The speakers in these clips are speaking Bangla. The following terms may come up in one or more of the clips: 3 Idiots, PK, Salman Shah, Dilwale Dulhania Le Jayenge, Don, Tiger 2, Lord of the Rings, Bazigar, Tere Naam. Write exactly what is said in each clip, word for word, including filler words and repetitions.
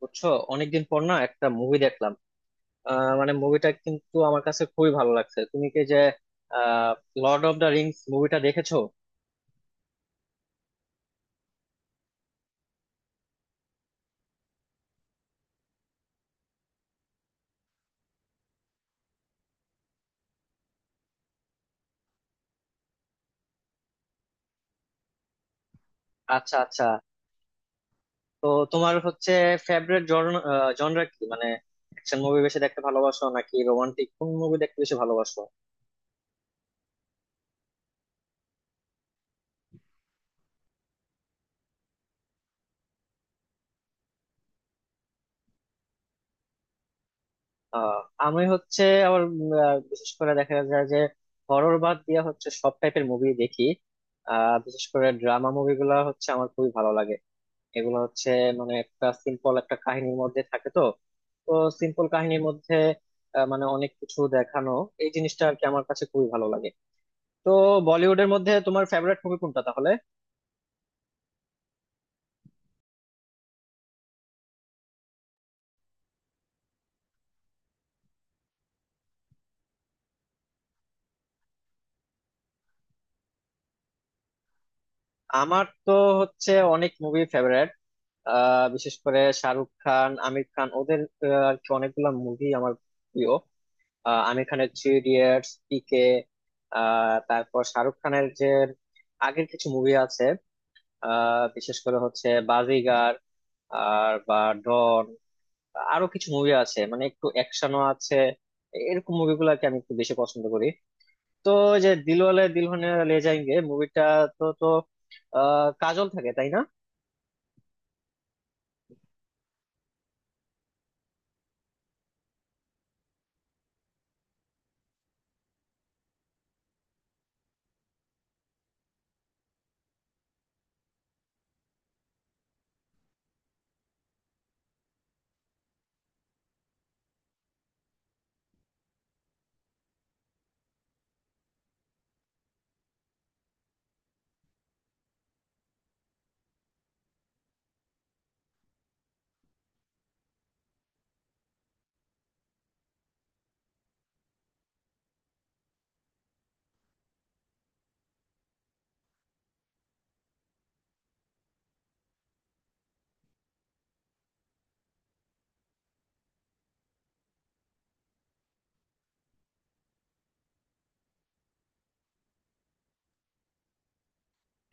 বুঝছো? অনেকদিন পর না একটা মুভি দেখলাম। আহ, মানে মুভিটা কিন্তু আমার কাছে খুবই ভালো লাগছে। তুমি কি যে লর্ড অফ দ্য রিংস মুভিটা দেখেছো? আচ্ছা আচ্ছা। তো তোমার হচ্ছে ফেভারিট জনরা কি? মানে অ্যাকশন মুভি বেশি দেখতে ভালোবাসো নাকি রোমান্টিক কোন মুভি দেখতে বেশি ভালোবাসো? আহ আমি হচ্ছে আবার উম, আহ, বিশেষ করে দেখা যায় যে হরর বাদ দিয়ে হচ্ছে সব টাইপের মুভি দেখি। আহ বিশেষ করে ড্রামা মুভিগুলো হচ্ছে আমার খুবই ভালো লাগে। এগুলো হচ্ছে মানে একটা সিম্পল একটা কাহিনীর মধ্যে থাকে। তো তো সিম্পল কাহিনীর মধ্যে আহ, মানে অনেক কিছু দেখানো, এই জিনিসটা আর কি আমার কাছে খুবই ভালো লাগে। তো বলিউডের মধ্যে তোমার ফেভারিট মুভি কোনটা তাহলে? আমার তো হচ্ছে অনেক মুভি ফেভারিট। বিশেষ করে শাহরুখ খান, আমির খান, ওদের আহ, আর কি অনেকগুলো মুভি আমার প্রিয়। আহ, আমির খানের থ্রি ইডিয়টস, পিকে, তারপর শাহরুখ খানের যে আগের কিছু মুভি আছে, আহ, বিশেষ করে হচ্ছে বাজিগার আর বা ডন। আরো কিছু মুভি আছে, মানে একটু অ্যাকশনও আছে, এরকম মুভিগুলোকে আমি একটু বেশি পছন্দ করি। তো ওই যে দিলওয়ালে দুলহানিয়া লে যায়েঙ্গে মুভিটা, তো তো আহ কাজল থাকে, তাই না?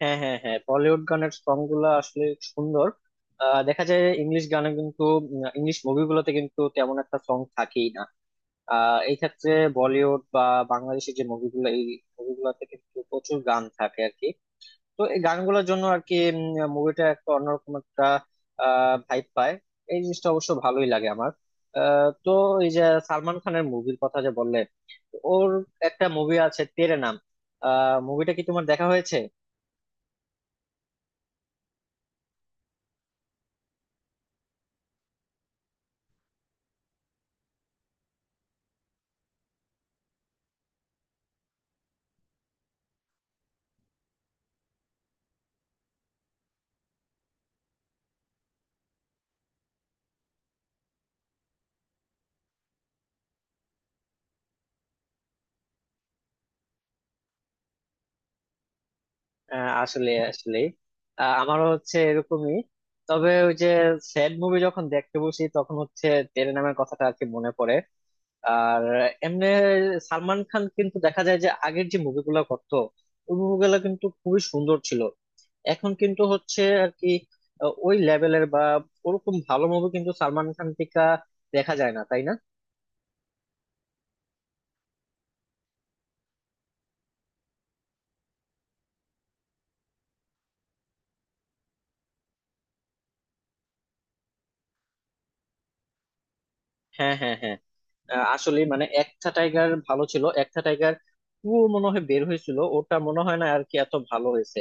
হ্যাঁ হ্যাঁ হ্যাঁ, বলিউড গানের সং গুলো আসলে সুন্দর। আহ, দেখা যায় ইংলিশ গানে কিন্তু, ইংলিশ মুভিগুলোতে কিন্তু তেমন একটা সং থাকেই না। আহ এই ক্ষেত্রে বলিউড বা বাংলাদেশের যে মুভিগুলো, এই মুভিগুলোতে কিন্তু প্রচুর গান থাকে আর কি। তো এই গানগুলোর জন্য আর কি মুভিটা একটা অন্যরকম একটা ভাইব পায়। এই জিনিসটা অবশ্য ভালোই লাগে আমার। আহ, তো এই যে সালমান খানের মুভির কথা যে বললে, ওর একটা মুভি আছে তেরে নাম, মুভিটা কি তোমার দেখা হয়েছে? আহ, আসলে আসলে আহ, আমারও হচ্ছে এরকমই। তবে ওই যে স্যাড মুভি যখন দেখতে বসি তখন হচ্ছে তেরে নামের কথাটা আর কি মনে পড়ে। আর এমনি সালমান খান কিন্তু দেখা যায় যে আগের যে মুভিগুলো করতো, ওই মুভিগুলো কিন্তু খুবই সুন্দর ছিল। এখন কিন্তু হচ্ছে আর কি আহ, ওই লেভেলের বা ওরকম ভালো মুভি কিন্তু সালমান খান থেকে দেখা যায় না, তাই না? হ্যাঁ হ্যাঁ হ্যাঁ। আহ, আসলে মানে একটা টাইগার ভালো ছিল, একটা টাইগার টু মনে হয় বের হয়েছিল, ওটা মনে হয় না আর কি এত ভালো হয়েছে।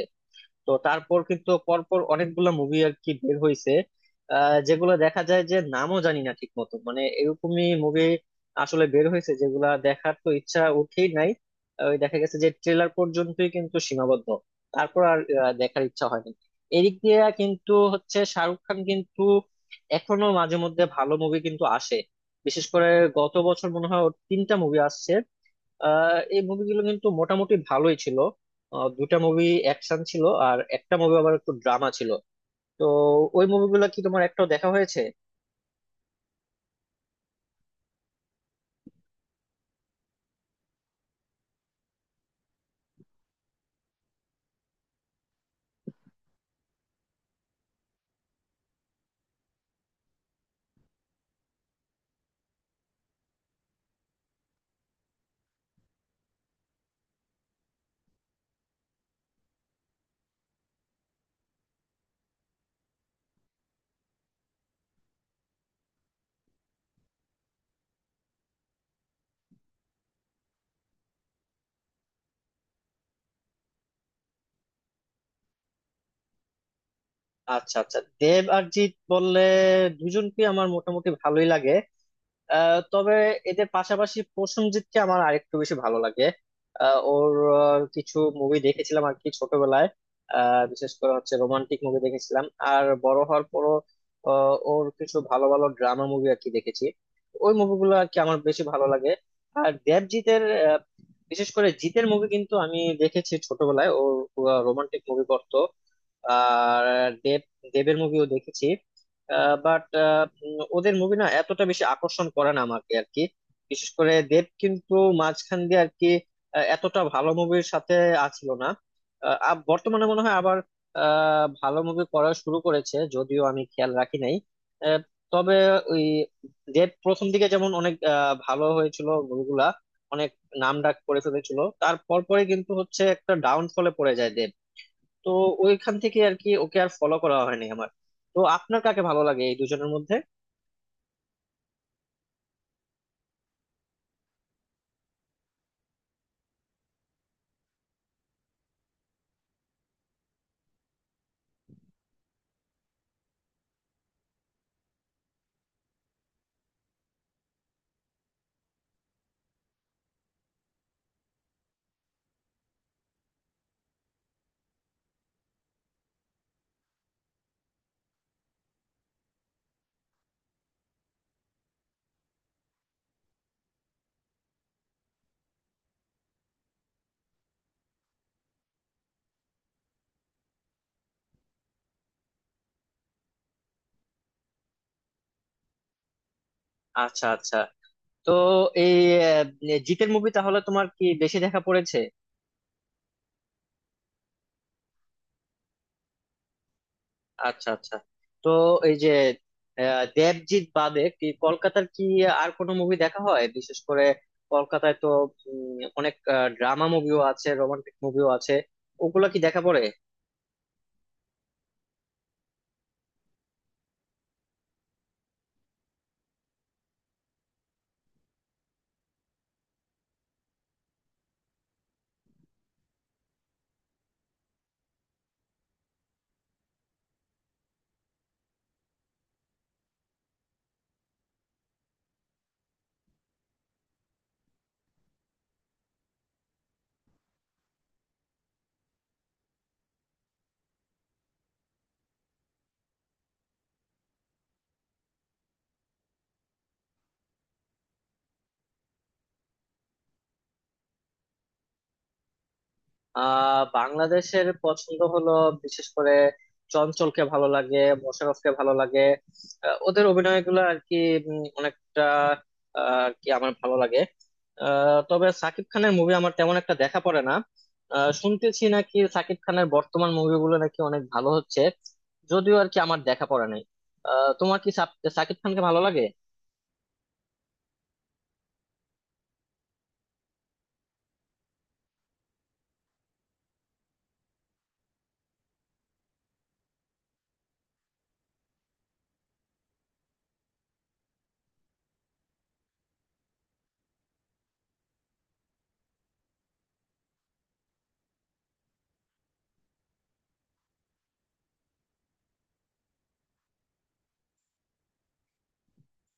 তো তারপর কিন্তু পরপর অনেকগুলা মুভি আর কি বের হয়েছে, যেগুলো দেখা যায় যে নামও জানি না ঠিক মতো, মানে এরকমই মুভি আসলে বের হয়েছে, যেগুলা দেখার তো ইচ্ছা উঠেই নাই। আহ, ওই দেখা গেছে যে ট্রেলার পর্যন্তই কিন্তু সীমাবদ্ধ, তারপর আর আহ, দেখার ইচ্ছা হয়নি। এদিক দিয়ে কিন্তু হচ্ছে শাহরুখ খান কিন্তু এখনো মাঝে মধ্যে ভালো মুভি কিন্তু আসে। বিশেষ করে গত বছর মনে হয় ওর তিনটা মুভি আসছে, আহ এই মুভিগুলো কিন্তু মোটামুটি ভালোই ছিল। আহ, দুটা মুভি অ্যাকশন ছিল আর একটা মুভি আবার একটু ড্রামা ছিল। তো ওই মুভিগুলো কি তোমার একটাও দেখা হয়েছে? আচ্ছা আচ্ছা, দেব আর জিৎ বললে দুজনকে আমার মোটামুটি ভালোই লাগে। আহ, তবে এদের পাশাপাশি প্রসেনজিৎকে আমার আরেকটু বেশি ভালো লাগে। আহ, ওর আহ, কিছু মুভি দেখেছিলাম আর কি ছোটবেলায়, আহ, বিশেষ করে হচ্ছে রোমান্টিক মুভি দেখেছিলাম। আর বড় হওয়ার পরও আহ, ওর কিছু ভালো ভালো ড্রামা মুভি আর কি দেখেছি, ওই মুভিগুলো আর কি আমার বেশি ভালো লাগে। আর দেবজিতের আহ, বিশেষ করে জিতের মুভি কিন্তু আমি দেখেছি ছোটবেলায়। ও রোমান্টিক মুভি করতো। আর দেব দেবের মুভিও দেখেছি। বাট ওদের মুভি না এতটা বেশি আকর্ষণ করে না আমাকে আর কি। বিশেষ করে দেব কিন্তু মাঝখান দিয়ে আর কি আহ, এতটা ভালো মুভির সাথে আছিল না। আহ, আব- বর্তমানে মনে হয় আবার আহ, ভালো মুভি করা শুরু করেছে, যদিও আমি খেয়াল রাখি নাই। আহ, তবে ওই দেব প্রথম দিকে যেমন অনেক আহ, ভালো হয়েছিল মুভিগুলা, অনেক নাম ডাক করে ফেলেছিল, তার পরপরে কিন্তু হচ্ছে একটা ডাউনফলে পড়ে যায় দেব। তো ওইখান থেকে আর কি ওকে আর ফলো করা হয়নি আমার। তো আপনার কাকে ভালো লাগে এই দুজনের মধ্যে? আচ্ছা আচ্ছা। তো এই আহ, জিতের মুভি তাহলে তোমার কি বেশি দেখা পড়েছে? আচ্ছা আচ্ছা। তো এই যে আহ, দেবজিৎ বাদে কি কলকাতার কি আর কোনো মুভি দেখা হয়? বিশেষ করে কলকাতায় তো উম, অনেক ড্রামা মুভিও আছে, রোমান্টিক মুভিও আছে, ওগুলা কি দেখা পড়ে? আহ বাংলাদেশের পছন্দ হলো বিশেষ করে চঞ্চলকে ভালো লাগে, মোশাররফকে ভালো লাগে। আহ, ওদের অভিনয়গুলো আর কি উম, অনেকটা আহ, আর কি আমার ভালো লাগে। আহ, তবে সাকিব খানের মুভি আমার তেমন একটা দেখা পড়ে না। আহ, শুনতেছি নাকি সাকিব খানের বর্তমান মুভিগুলো নাকি অনেক ভালো হচ্ছে, যদিও আর কি আমার দেখা পড়ে নাই। আহ, তোমার কি সাক- সাকিব খানকে ভালো লাগে?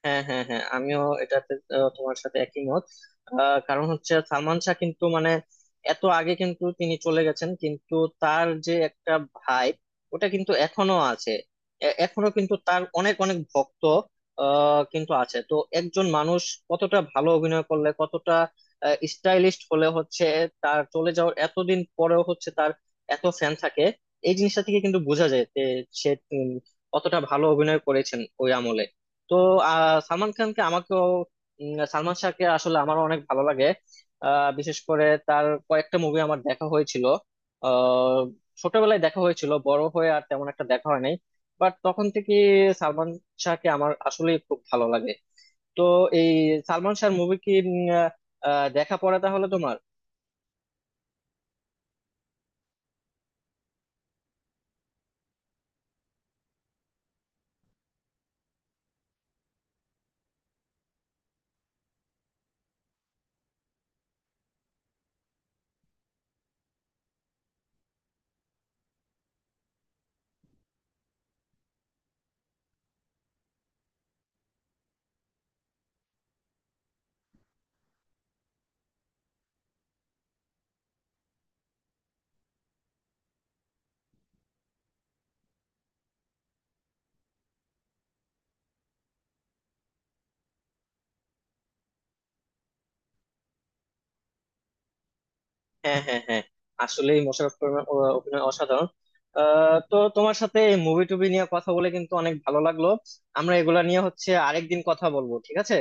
হ্যাঁ হ্যাঁ হ্যাঁ, আমিও এটাতে আহ, তোমার সাথে একই মত। আহ, কারণ হচ্ছে সালমান শাহ কিন্তু মানে এত আগে কিন্তু তিনি চলে গেছেন, কিন্তু তার যে একটা ভাই, ওটা কিন্তু এখনো আছে। এ- এখনো কিন্তু তার অনেক অনেক ভক্ত আহ, কিন্তু আছে। তো একজন মানুষ কতটা ভালো অভিনয় করলে, কতটা স্টাইলিস্ট হলে হচ্ছে তার চলে যাওয়ার এতদিন পরেও হচ্ছে তার এত ফ্যান থাকে। এই জিনিসটা থেকে কিন্তু বোঝা যায় যে সে উম, কতটা ভালো অভিনয় করেছেন ওই আমলে। তো আহ, সালমান খানকে আমাকেও উম, সালমান শাহকে আসলে আমার অনেক ভালো লাগে। আহ, বিশেষ করে তার কয়েকটা মুভি আমার দেখা হয়েছিল, আহ, ছোটবেলায় দেখা হয়েছিল, বড় হয়ে আর তেমন একটা দেখা হয় নাই। বাট তখন থেকে সালমান শাহকে আমার আসলে খুব ভালো লাগে। তো এই সালমান শাহর মুভি কি উম, আহ, আহ, দেখা পড়ে তাহলে তোমার? হ্যাঁ হ্যাঁ হ্যাঁ। আসলে মোশাররফ করিমের অ- অভিনয় অসাধারণ। আহ, তো তোমার সাথে মুভি টুভি নিয়ে কথা বলে কিন্তু অনেক ভালো লাগলো। আমরা এগুলা নিয়ে হচ্ছে আরেকদিন কথা বলবো, ঠিক আছে?